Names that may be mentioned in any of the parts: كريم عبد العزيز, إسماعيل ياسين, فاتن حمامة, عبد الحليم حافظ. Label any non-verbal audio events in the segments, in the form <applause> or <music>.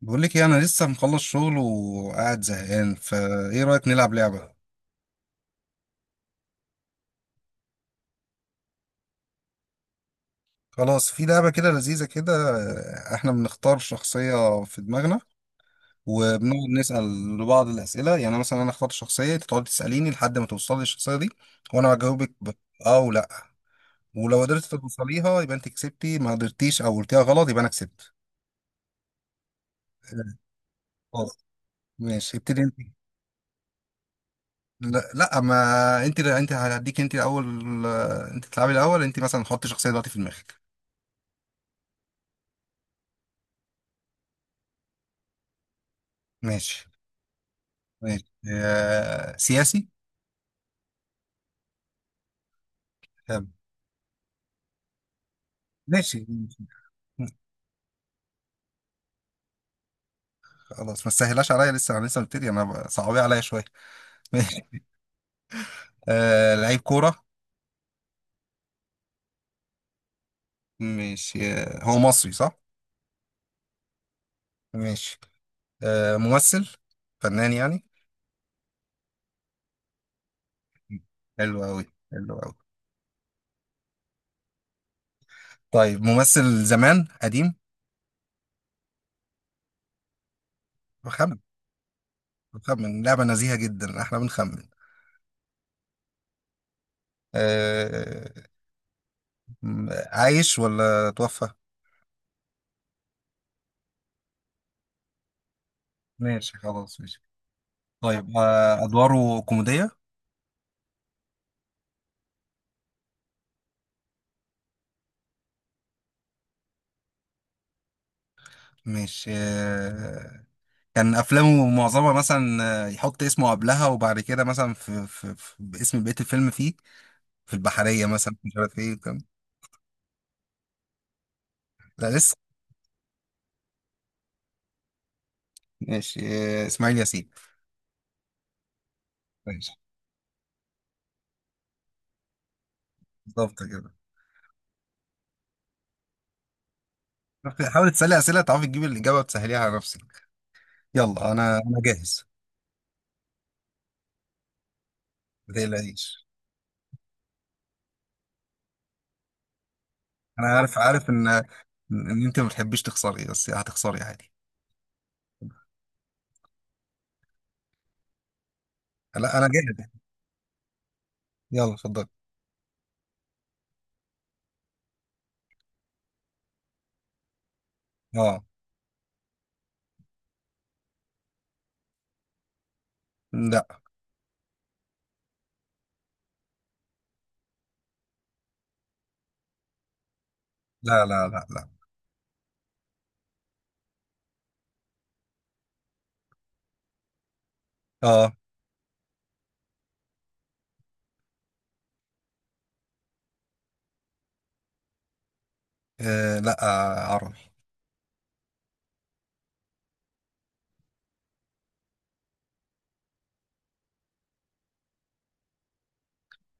بقول لك ايه، انا لسه مخلص شغل وقاعد زهقان، فايه رايك نلعب لعبه؟ خلاص، في لعبه كده لذيذه كده. احنا بنختار شخصيه في دماغنا، وبنقعد نسال لبعض الاسئله، يعني مثلا انا اختار شخصيه، انت تقعد تساليني لحد ما توصلي الشخصيه دي. وانا هجاوبك اه ولا، ولو قدرت توصليها يبقى انت كسبتي، ما قدرتيش او قلتيها غلط يبقى انا كسبت. خلاص، ماشي، ابتدي انت. لا، لا، ما انت هديك، انت الاول. انت تلعبي الاول، انت مثلا حطي شخصيه دلوقتي في دماغك. ماشي، ماشي. سياسي؟ طب،. ماشي، خلاص. ما تسهلاش عليا، لسه انا لسه مبتدي، انا صعبيه عليا شويه. <laughs> ماشي. لعيب كوره؟ ماشي. هو مصري، صح؟ ماشي. ممثل؟ فنان يعني؟ حلو قوي! حلو قوي! طيب، ممثل زمان قديم؟ بخمن. بخمن، لعبه نزيهه جدا، احنا بنخمن. آه. عايش ولا توفى؟ ماشي، خلاص، ماشي. طيب. ادواره كوميديه؟ ماشي. كان افلامه معظمها مثلا، يحط اسمه قبلها وبعد كده، مثلا في باسم، بقيه الفيلم فيه في البحريه مثلا، مش عارف ايه وكام. لا، لسه. ماشي. اسماعيل ياسين. ماشي. بالظبط كده. حاول تسالي اسئله تعرفي تجيبي الاجابه وتسهليها على نفسك. يلا، انا جاهز. ما تقلقيش. انا عارف ان انت ما بتحبيش تخسري، بس هتخسري عادي. لا، انا جاهز. يلا، اتفضلي. اه. لا، لا، لا، لا. لا، اه. لا. عربي.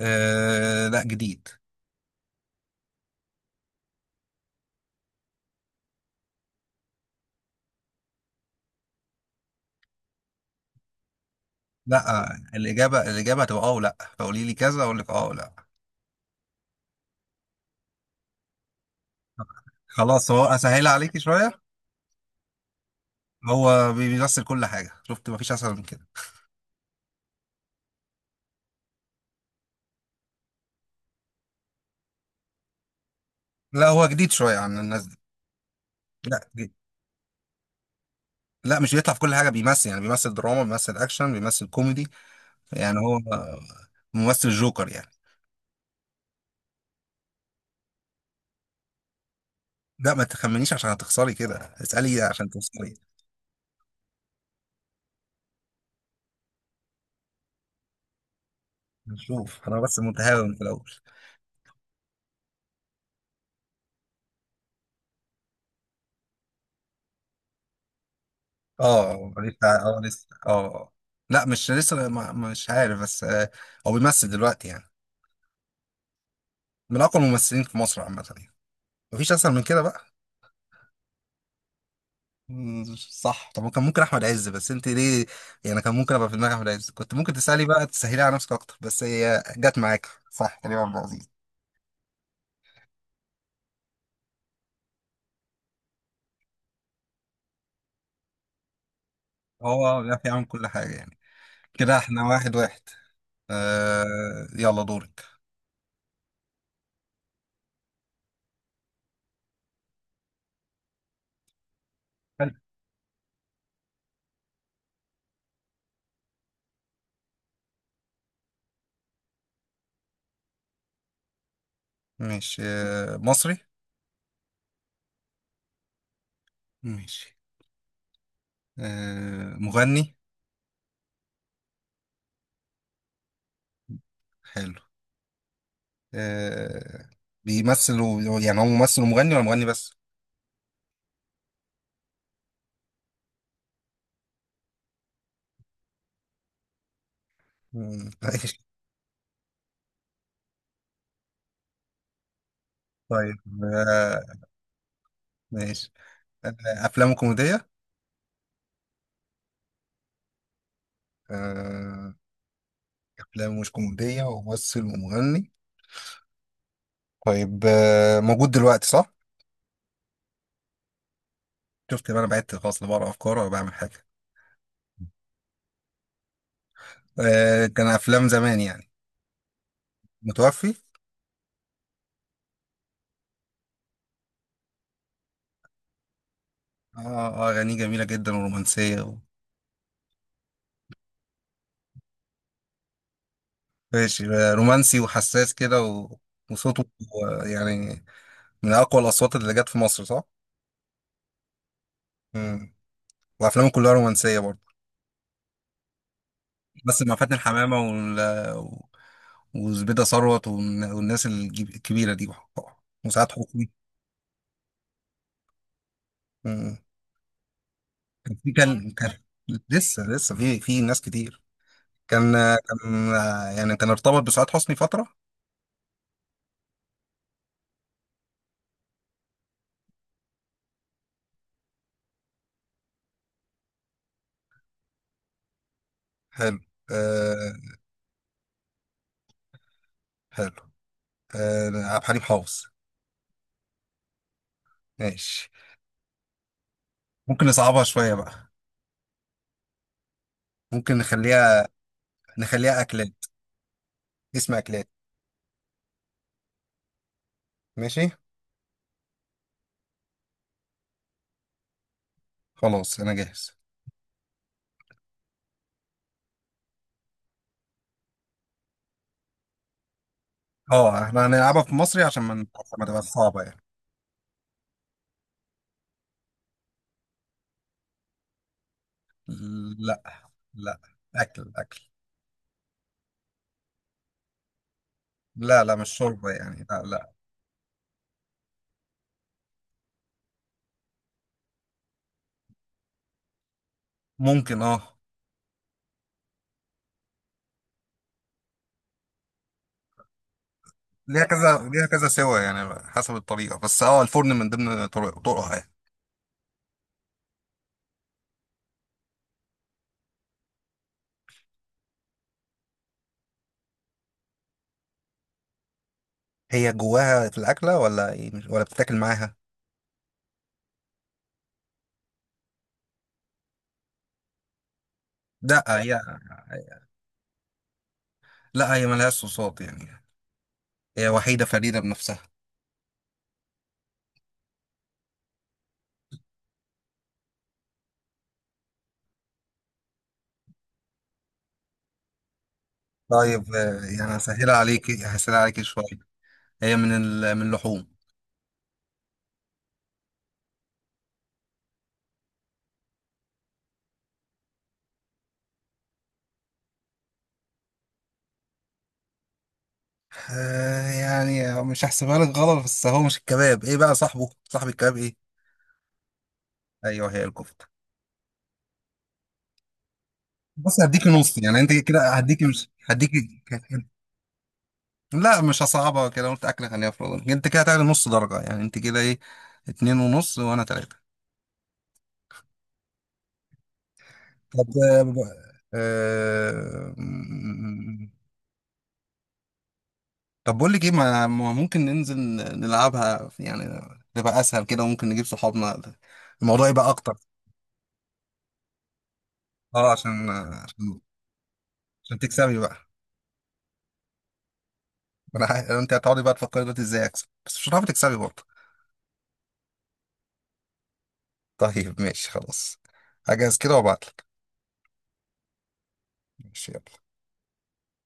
لا، جديد. لا. الاجابه هتبقى اه ولا، فقولي لي كذا اقول لك اه ولا. خلاص، هو اسهل عليكي شويه. هو بيمثل كل حاجه، شفت، مفيش اسهل من كده. لا، هو جديد شويه عن الناس دي. لا، جديد. لا، مش بيطلع في كل حاجه، بيمثل يعني، بيمثل دراما، بيمثل اكشن، بيمثل كوميدي. يعني هو ممثل جوكر يعني. لا، ما تخمنيش عشان هتخسري كده. اسالي عشان تخسري. نشوف، انا بس متهاون في الاول. اه لسه. لا، مش لسه، مش عارف، بس هو بيمثل دلوقتي يعني، من اقوى الممثلين في مصر عامه يعني. مفيش اسهل من كده بقى. صح. طب، كان ممكن احمد عز، بس انت ليه؟ يعني كان ممكن ابقى في دماغي احمد عز، كنت ممكن تسالي بقى تسهلي على نفسك اكتر، بس هي جت معاك، صح، كريم عبد العزيز. هو بيعرف يعمل كل حاجه يعني. كده احنا واحد واحد. يلا، دورك. حلو. ماشي. مصري؟ ماشي. مغني؟ حلو. آه. بيمثل يعني، هو ممثل ومغني ولا مغني بس؟ <laughs> ماشي. طيب. آه ماشي. افلام كوميديه؟ آه، افلام مش كوميديه، وممثل ومغني. طيب. موجود دلوقتي، صح؟ شفت بقى، انا بعدت خلاص، لا بقرا افكار ولا بعمل حاجه. كان افلام زمان يعني. متوفي. اه. اه، اغانيه جميله جدا ورومانسيه. ماشي. رومانسي وحساس كده. وصوته يعني من اقوى الاصوات اللي جت في مصر، صح؟ مم. وافلامه كلها رومانسيه برضه، بس مع فاتن حمامه وزبيده ثروت والناس الكبيره دي، وساعات حكم. مم. كان في كان كان لسه في ناس كتير. كان كان يعني كان ارتبط بسعاد حسني فترة. حلو. أه حلو. عبد الحليم حافظ! ماشي. ممكن نصعبها شوية بقى. ممكن نخليها، نخليها أكلات. اسم أكلات. ماشي. خلاص، أنا جاهز. اه، احنا هنلعبها في مصري عشان ما تبقاش صعبة يعني. لا، لا. أكل أكل. لا، لا، مش شوربة يعني، لا، لا. ممكن، اه. ليها كذا، ليها كذا سوا يعني، حسب الطريقة، بس اه الفرن من ضمن طرقها يعني. هي جواها في الأكلة ولا ايه، ولا بتتاكل معاها؟ لا، هي. لا، هي ملهاش صوصات يعني. هي وحيدة فريدة بنفسها. طيب. يعني هسهلها عليك، هسهلها عليك شوية. هي من اللحوم. يعني مش هحسبها لك غلط، بس هو مش الكباب، ايه بقى صاحبه، صاحب الكباب ايه؟ ايوه، هي الكفتة. بص، هديك نص يعني، انت كده هديك مش هديك. لا، مش هصعبها كده، قلت اكل، خليها في رمضان، انت كده هتعلي نص درجة، يعني انت كده ايه، اتنين ونص وانا تلاتة. طب. آه... م- طب، بقول لك ايه، ما ممكن ننزل نلعبها يعني، تبقى اسهل كده، وممكن نجيب صحابنا، الموضوع يبقى اكتر. اه، عشان عشان تكسبي بقى. انت هتقعدي بقى تفكري دلوقتي ازاي اكسب، بس مش هتعرفي تكسبي برضه. طيب، ماشي، خلاص. هجهز كده وابعتلك. ماشي، يلا.